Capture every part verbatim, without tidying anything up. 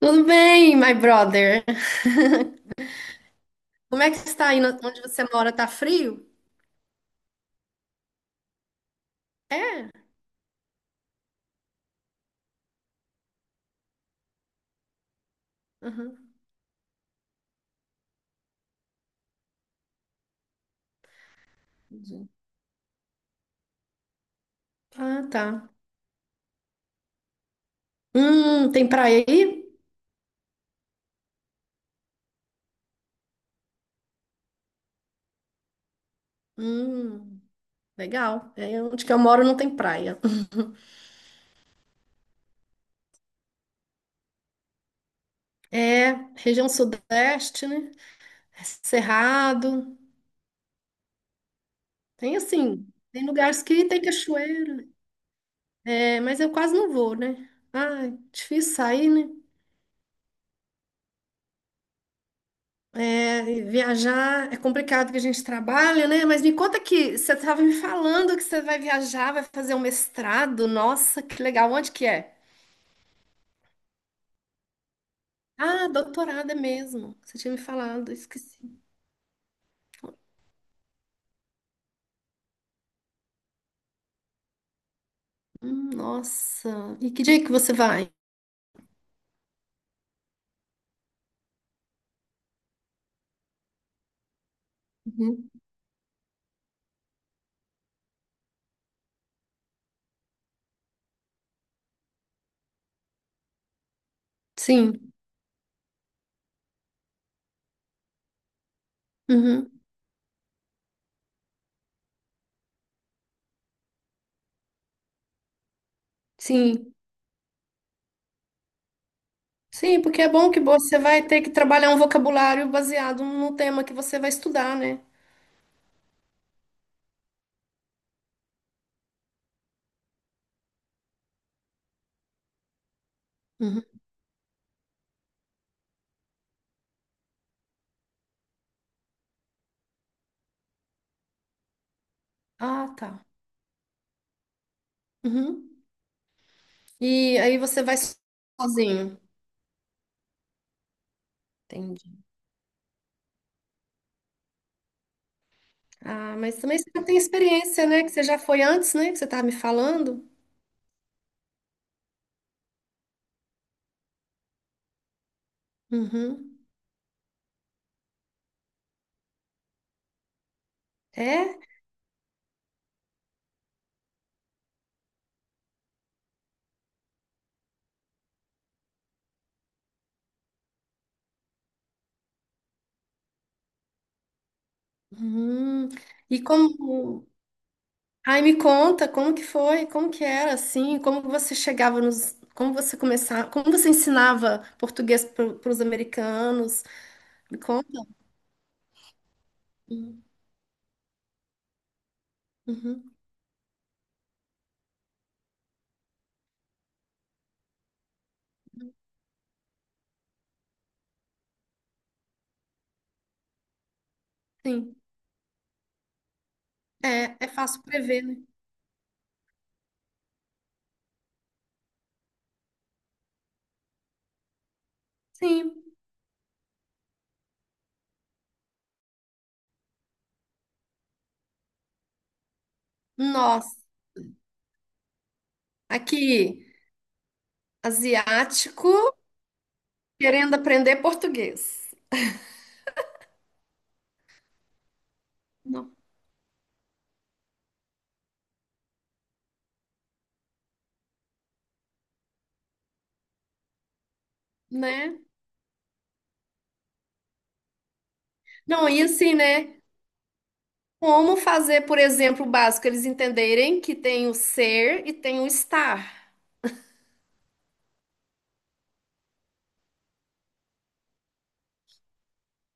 Tudo bem, my brother? Como é que está aí? no- Onde você mora? Tá frio? É? Uhum. Entendi. Ah, tá. Hum, tem praia aí? Hum, legal. É, onde que eu moro não tem praia. É, região sudeste, né? É Cerrado. Tem assim, tem lugares que tem cachoeira, né? É, mas eu quase não vou, né? Ah, difícil sair, né? É, e viajar é complicado que a gente trabalha, né? Mas me conta, que você estava me falando que você vai viajar, vai fazer um mestrado. Nossa, que legal. Onde que é? Ah, doutorado é mesmo. Você tinha me falado, eu esqueci. Hum, nossa. E que dia que você vai? Uhum. Sim. Uhum. Sim. Sim, porque é bom que você vai ter que trabalhar um vocabulário baseado no tema que você vai estudar, né? Uhum. Ah, tá. Uhum. E aí você vai sozinho. Entendi. Ah, mas também você já tem experiência, né? Que você já foi antes, né? Que você estava me falando. Uhum. É? Uhum. E como... Aí me conta como que foi, como que era, assim, como você chegava nos... Como você começava... Como você ensinava português para os americanos. Me conta. Uhum. Uhum. Sim. É, é fácil prever, né? Sim. Nossa. Aqui, asiático querendo aprender português. Não. Né? Não, e assim, né? Como fazer, por exemplo, o básico, eles entenderem que tem o ser e tem o estar.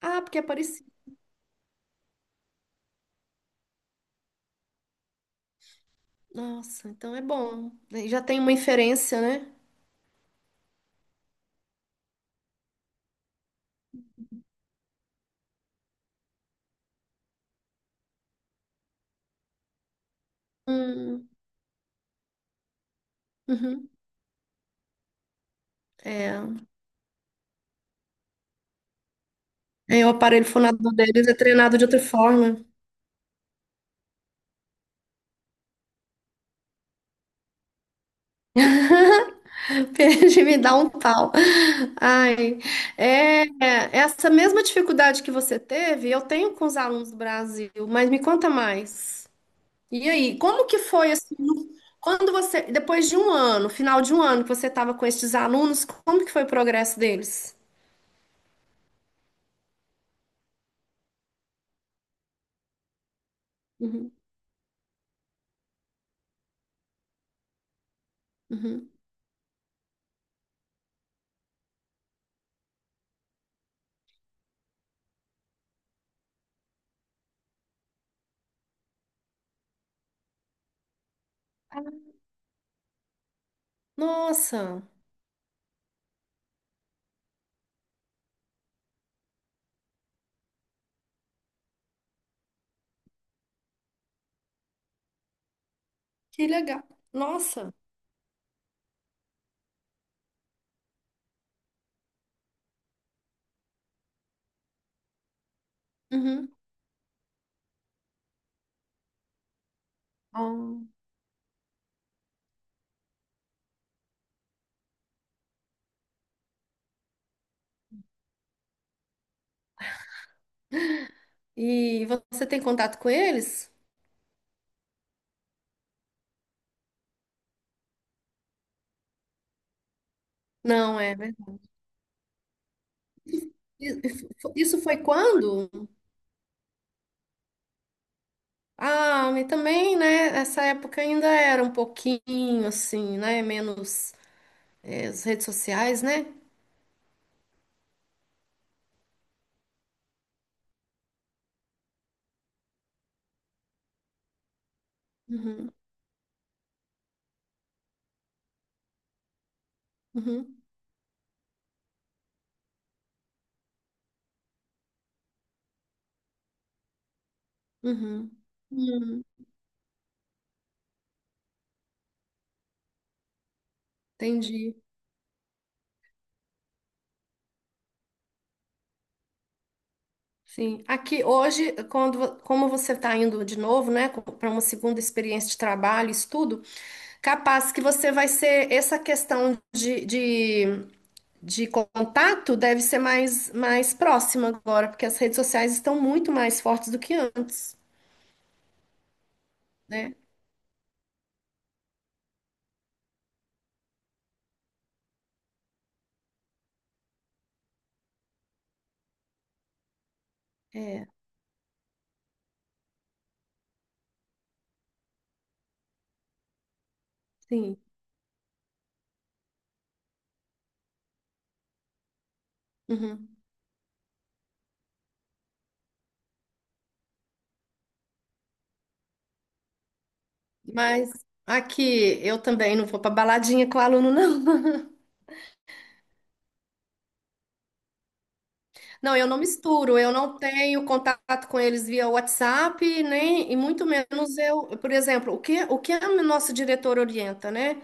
Ah, porque é parecido. Nossa, então é bom. Daí já tem uma inferência, né? Hum, uhum. É. Aí o aparelho fonador deles é treinado de outra forma. Perde, me dá um pau. Ai, é, é, essa mesma dificuldade que você teve, eu tenho com os alunos do Brasil, mas me conta mais. E aí, como que foi assim, no- quando você, depois de um ano, final de um ano que você estava com esses alunos, como que foi o progresso deles? Uhum, uhum. Nossa, que legal. Nossa. Uhum. Ó. E você tem contato com eles? Não, é verdade. E- Isso foi quando? Ah, e também, né? Essa época ainda era um pouquinho assim, né? Menos eh, as redes sociais, né? Uhum, uhum, uhum. Hum, entendi. Sim. Aqui hoje, quando, como você está indo de novo, né, para uma segunda experiência de trabalho, estudo, capaz que você vai ser essa questão de, de, de contato, deve ser mais, mais próxima agora, porque as redes sociais estão muito mais fortes do que antes, né? É, sim. Uhum. Mas aqui eu também não vou para baladinha com o aluno, não. Não, eu não misturo, eu não tenho contato com eles via WhatsApp, nem, e muito menos eu, por exemplo, o que, o que a nossa diretora orienta, né?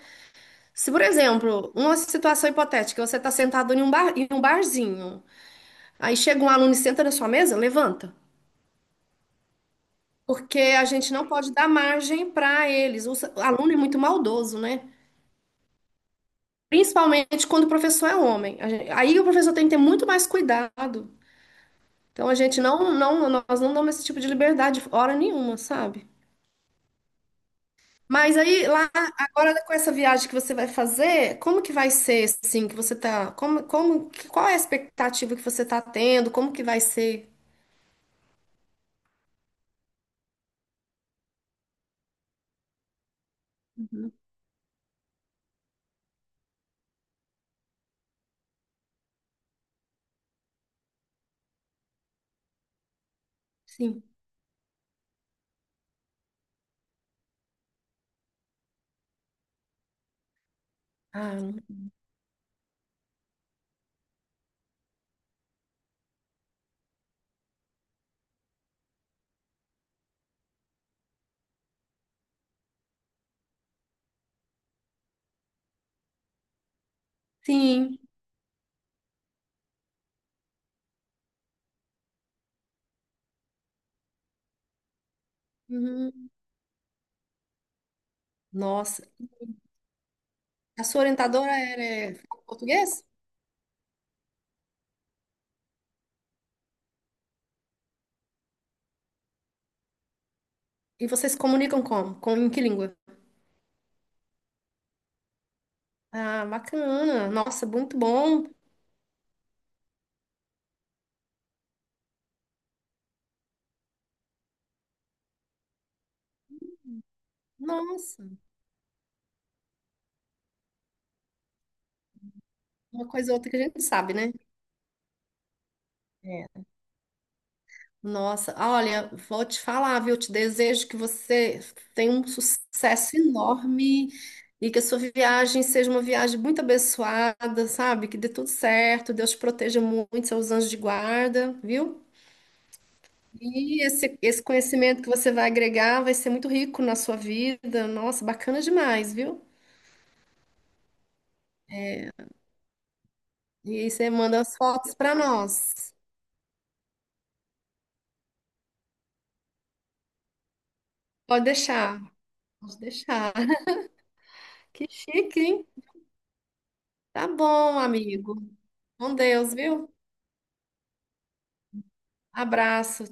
Se, por exemplo, uma situação hipotética, você está sentado em um bar, em um barzinho, aí chega um aluno e senta na sua mesa, levanta, porque a gente não pode dar margem para eles. O, s- o aluno é muito maldoso, né? Principalmente quando o professor é homem. A gen- Aí o professor tem que ter muito mais cuidado. Então a gente não, não, nós não damos esse tipo de liberdade, hora nenhuma, sabe? Mas aí lá agora, com essa viagem que você vai fazer, como que vai ser, assim que você tá, como como que- qual é a expectativa que você tá tendo? Como que vai ser? Sim. Ah, sim. Uhum. Nossa. A sua orientadora era, é, fala português? E vocês se comunicam como? Com, em que língua? Ah, bacana. Nossa, muito bom. Nossa, uma coisa ou outra que a gente sabe, né? Nossa, olha, vou te falar, viu? Te desejo que você tenha um sucesso enorme e que a sua viagem seja uma viagem muito abençoada, sabe? Que dê tudo certo, Deus te proteja muito, seus anjos de guarda, viu? E esse, esse conhecimento que você vai agregar vai ser muito rico na sua vida. Nossa, bacana demais, viu? E aí você manda as fotos para nós. Pode deixar, pode deixar. Que chique, hein? Tá bom, amigo. Com Deus, viu? Abraço,